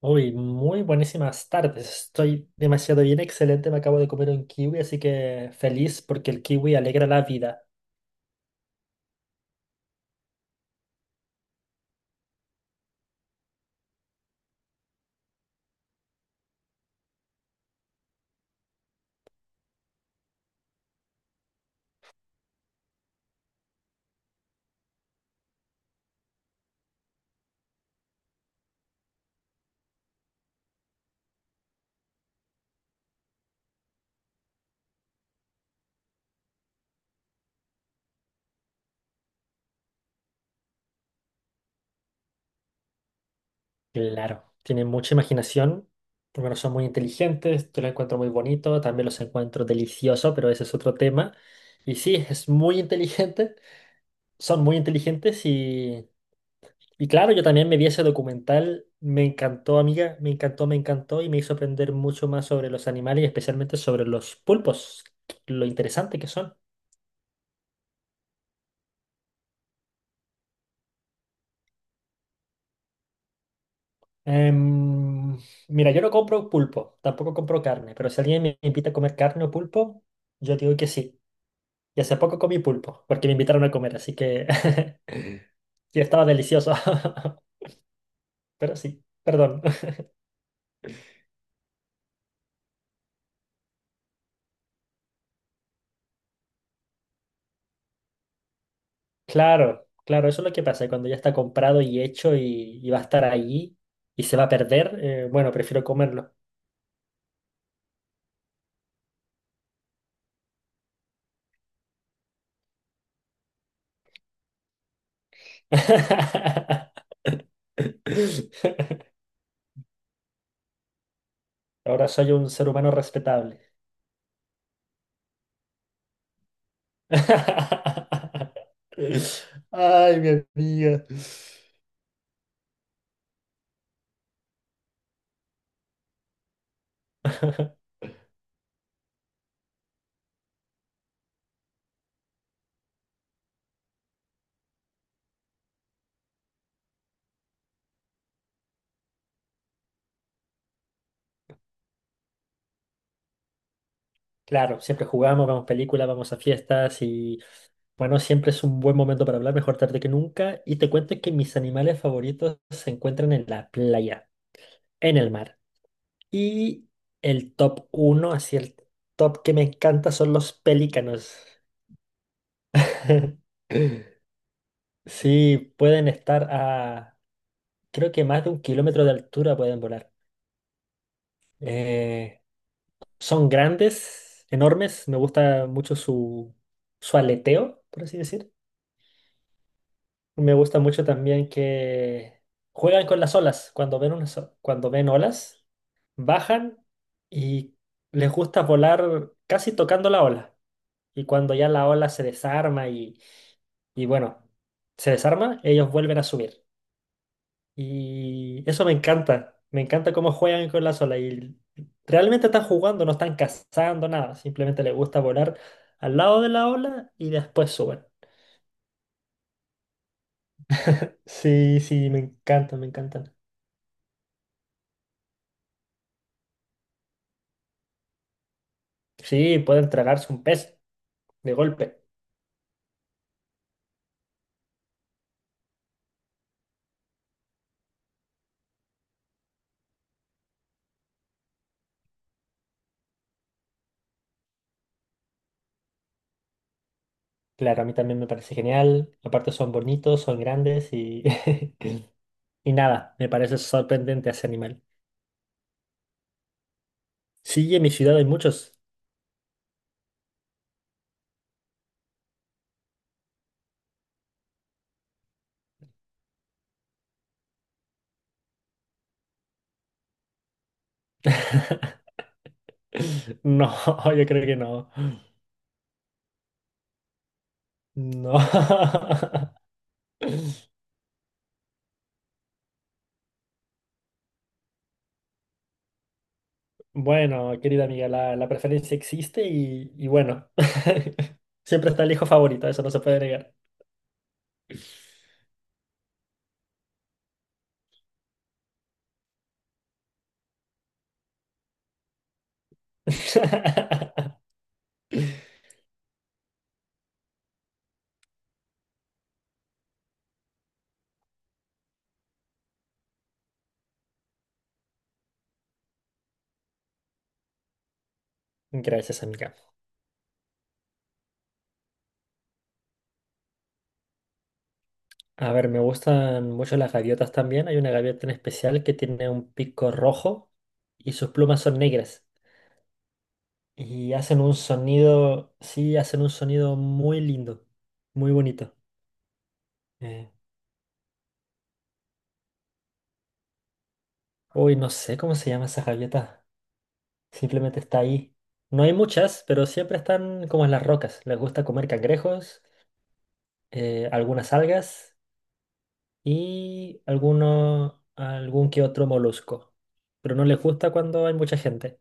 Uy, muy buenísimas tardes. Estoy demasiado bien, excelente. Me acabo de comer un kiwi, así que feliz porque el kiwi alegra la vida. Claro, tienen mucha imaginación. Por son muy inteligentes. Yo lo encuentro muy bonito. También los encuentro delicioso, pero ese es otro tema. Y sí, es muy inteligente. Son muy inteligentes y claro, yo también me vi ese documental. Me encantó, amiga. Me encantó y me hizo aprender mucho más sobre los animales y especialmente sobre los pulpos. Lo interesante que son. Em, Mira, yo no compro pulpo, tampoco compro carne, pero si alguien me invita a comer carne o pulpo, yo digo que sí. Y hace poco comí pulpo, porque me invitaron a comer, así que y estaba delicioso. Pero sí, perdón. Claro, claro, eso es lo que pasa, cuando ya está comprado y hecho y va a estar ahí y se va a perder, bueno, prefiero comerlo. Ahora soy un ser humano respetable. Ay, mi amiga. Claro, siempre jugamos, vamos películas, vamos a fiestas y bueno, siempre es un buen momento para hablar, mejor tarde que nunca. Y te cuento que mis animales favoritos se encuentran en la playa, en el mar. Y el top uno, así el top que me encanta son los pelícanos. Sí, pueden estar a, creo que más de un kilómetro de altura pueden volar. Eh, Son grandes, enormes, me gusta mucho su aleteo, por así decir. Me gusta mucho también que juegan con las olas. Cuando ven olas, bajan y les gusta volar casi tocando la ola. Y cuando ya la ola se desarma y bueno, se desarma, ellos vuelven a subir. Y eso me encanta. Me encanta cómo juegan con las olas. Y realmente están jugando, no están cazando nada. Simplemente les gusta volar al lado de la ola y después suben. Sí, sí, me encantan, me encantan. Sí, pueden tragarse un pez de golpe. Claro, a mí también me parece genial. Aparte son bonitos, son grandes y, y nada, me parece sorprendente ese animal. Sí, en mi ciudad hay muchos. No, yo creo que no. No. Bueno, querida amiga, la preferencia existe y, bueno, siempre está el hijo favorito, eso no se puede negar. Gracias, amiga. A ver, me gustan mucho las gaviotas también. Hay una gaviota en especial que tiene un pico rojo y sus plumas son negras. Y hacen un sonido, sí, hacen un sonido muy lindo, muy bonito. Eh, Uy, no sé cómo se llama esa gaviota. Simplemente está ahí. No hay muchas, pero siempre están como en las rocas. Les gusta comer cangrejos, algunas algas y algún que otro molusco. Pero no les gusta cuando hay mucha gente.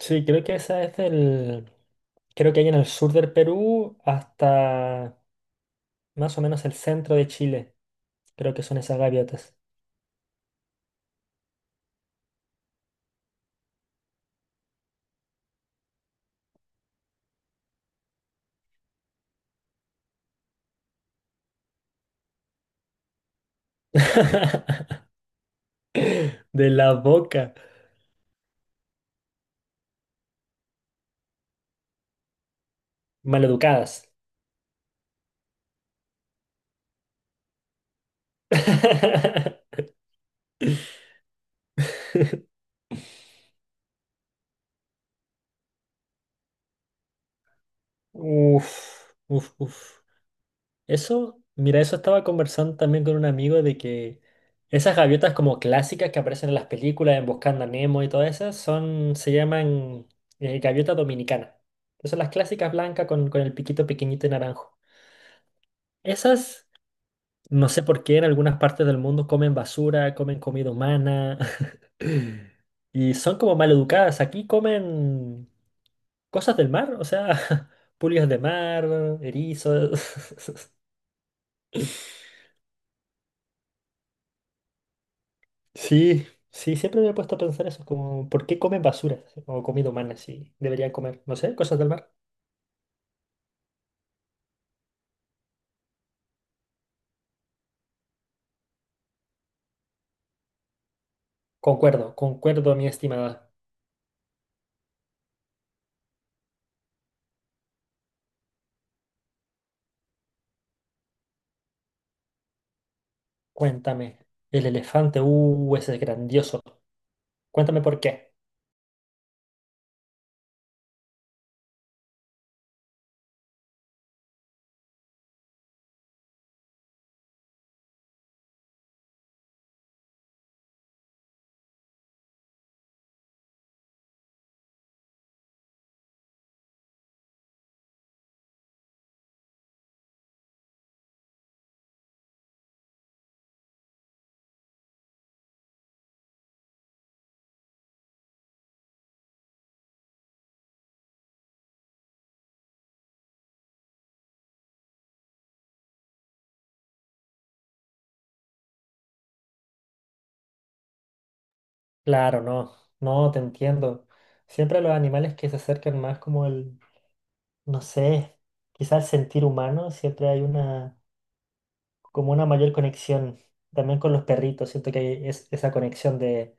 Sí, creo que esa es del... Creo que hay en el sur del Perú hasta más o menos el centro de Chile. Creo que son esas gaviotas. De la boca. Maleducadas. Uf, uf, uf. Eso, mira, eso estaba conversando también con un amigo de que esas gaviotas como clásicas que aparecen en las películas, en Buscando a Nemo y todas esas, son, se llaman gaviota dominicana. Que son las clásicas blancas con el piquito pequeñito y naranjo. Esas, no sé por qué en algunas partes del mundo comen basura, comen comida humana y son como mal educadas. Aquí comen cosas del mar, o sea, pulgas de mar, erizos. Sí, sí, siempre me he puesto a pensar eso, como ¿por qué comen basura o comida humana si deberían comer, no sé, cosas del mar? Concuerdo, concuerdo, mi estimada. Cuéntame, el elefante, ese es grandioso. Cuéntame por qué. Claro, no, no, te entiendo. Siempre los animales que se acercan más como el, no sé, quizás sentir humano, siempre hay una, como una mayor conexión. También con los perritos, siento que hay esa conexión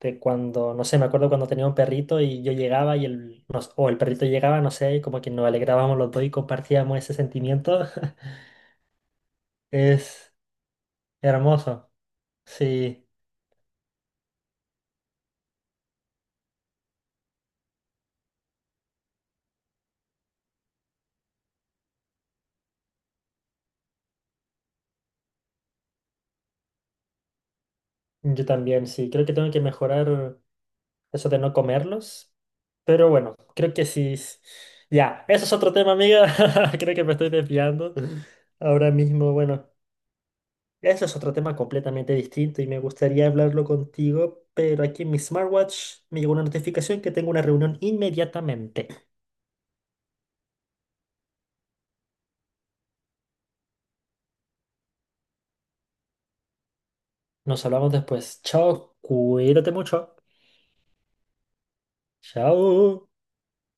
de cuando, no sé, me acuerdo cuando tenía un perrito y yo llegaba y el, nos- o el perrito llegaba, no sé, y como que nos alegrábamos los dos y compartíamos ese sentimiento. Es hermoso. Sí, yo también, sí, creo que tengo que mejorar eso de no comerlos. Pero bueno, creo que sí. Ya, eso es otro tema, amiga. Creo que me estoy desviando ahora mismo. Bueno, eso es otro tema completamente distinto y me gustaría hablarlo contigo, pero aquí en mi smartwatch me llegó una notificación que tengo una reunión inmediatamente. Nos hablamos después. Chao, cuídate mucho. Chao.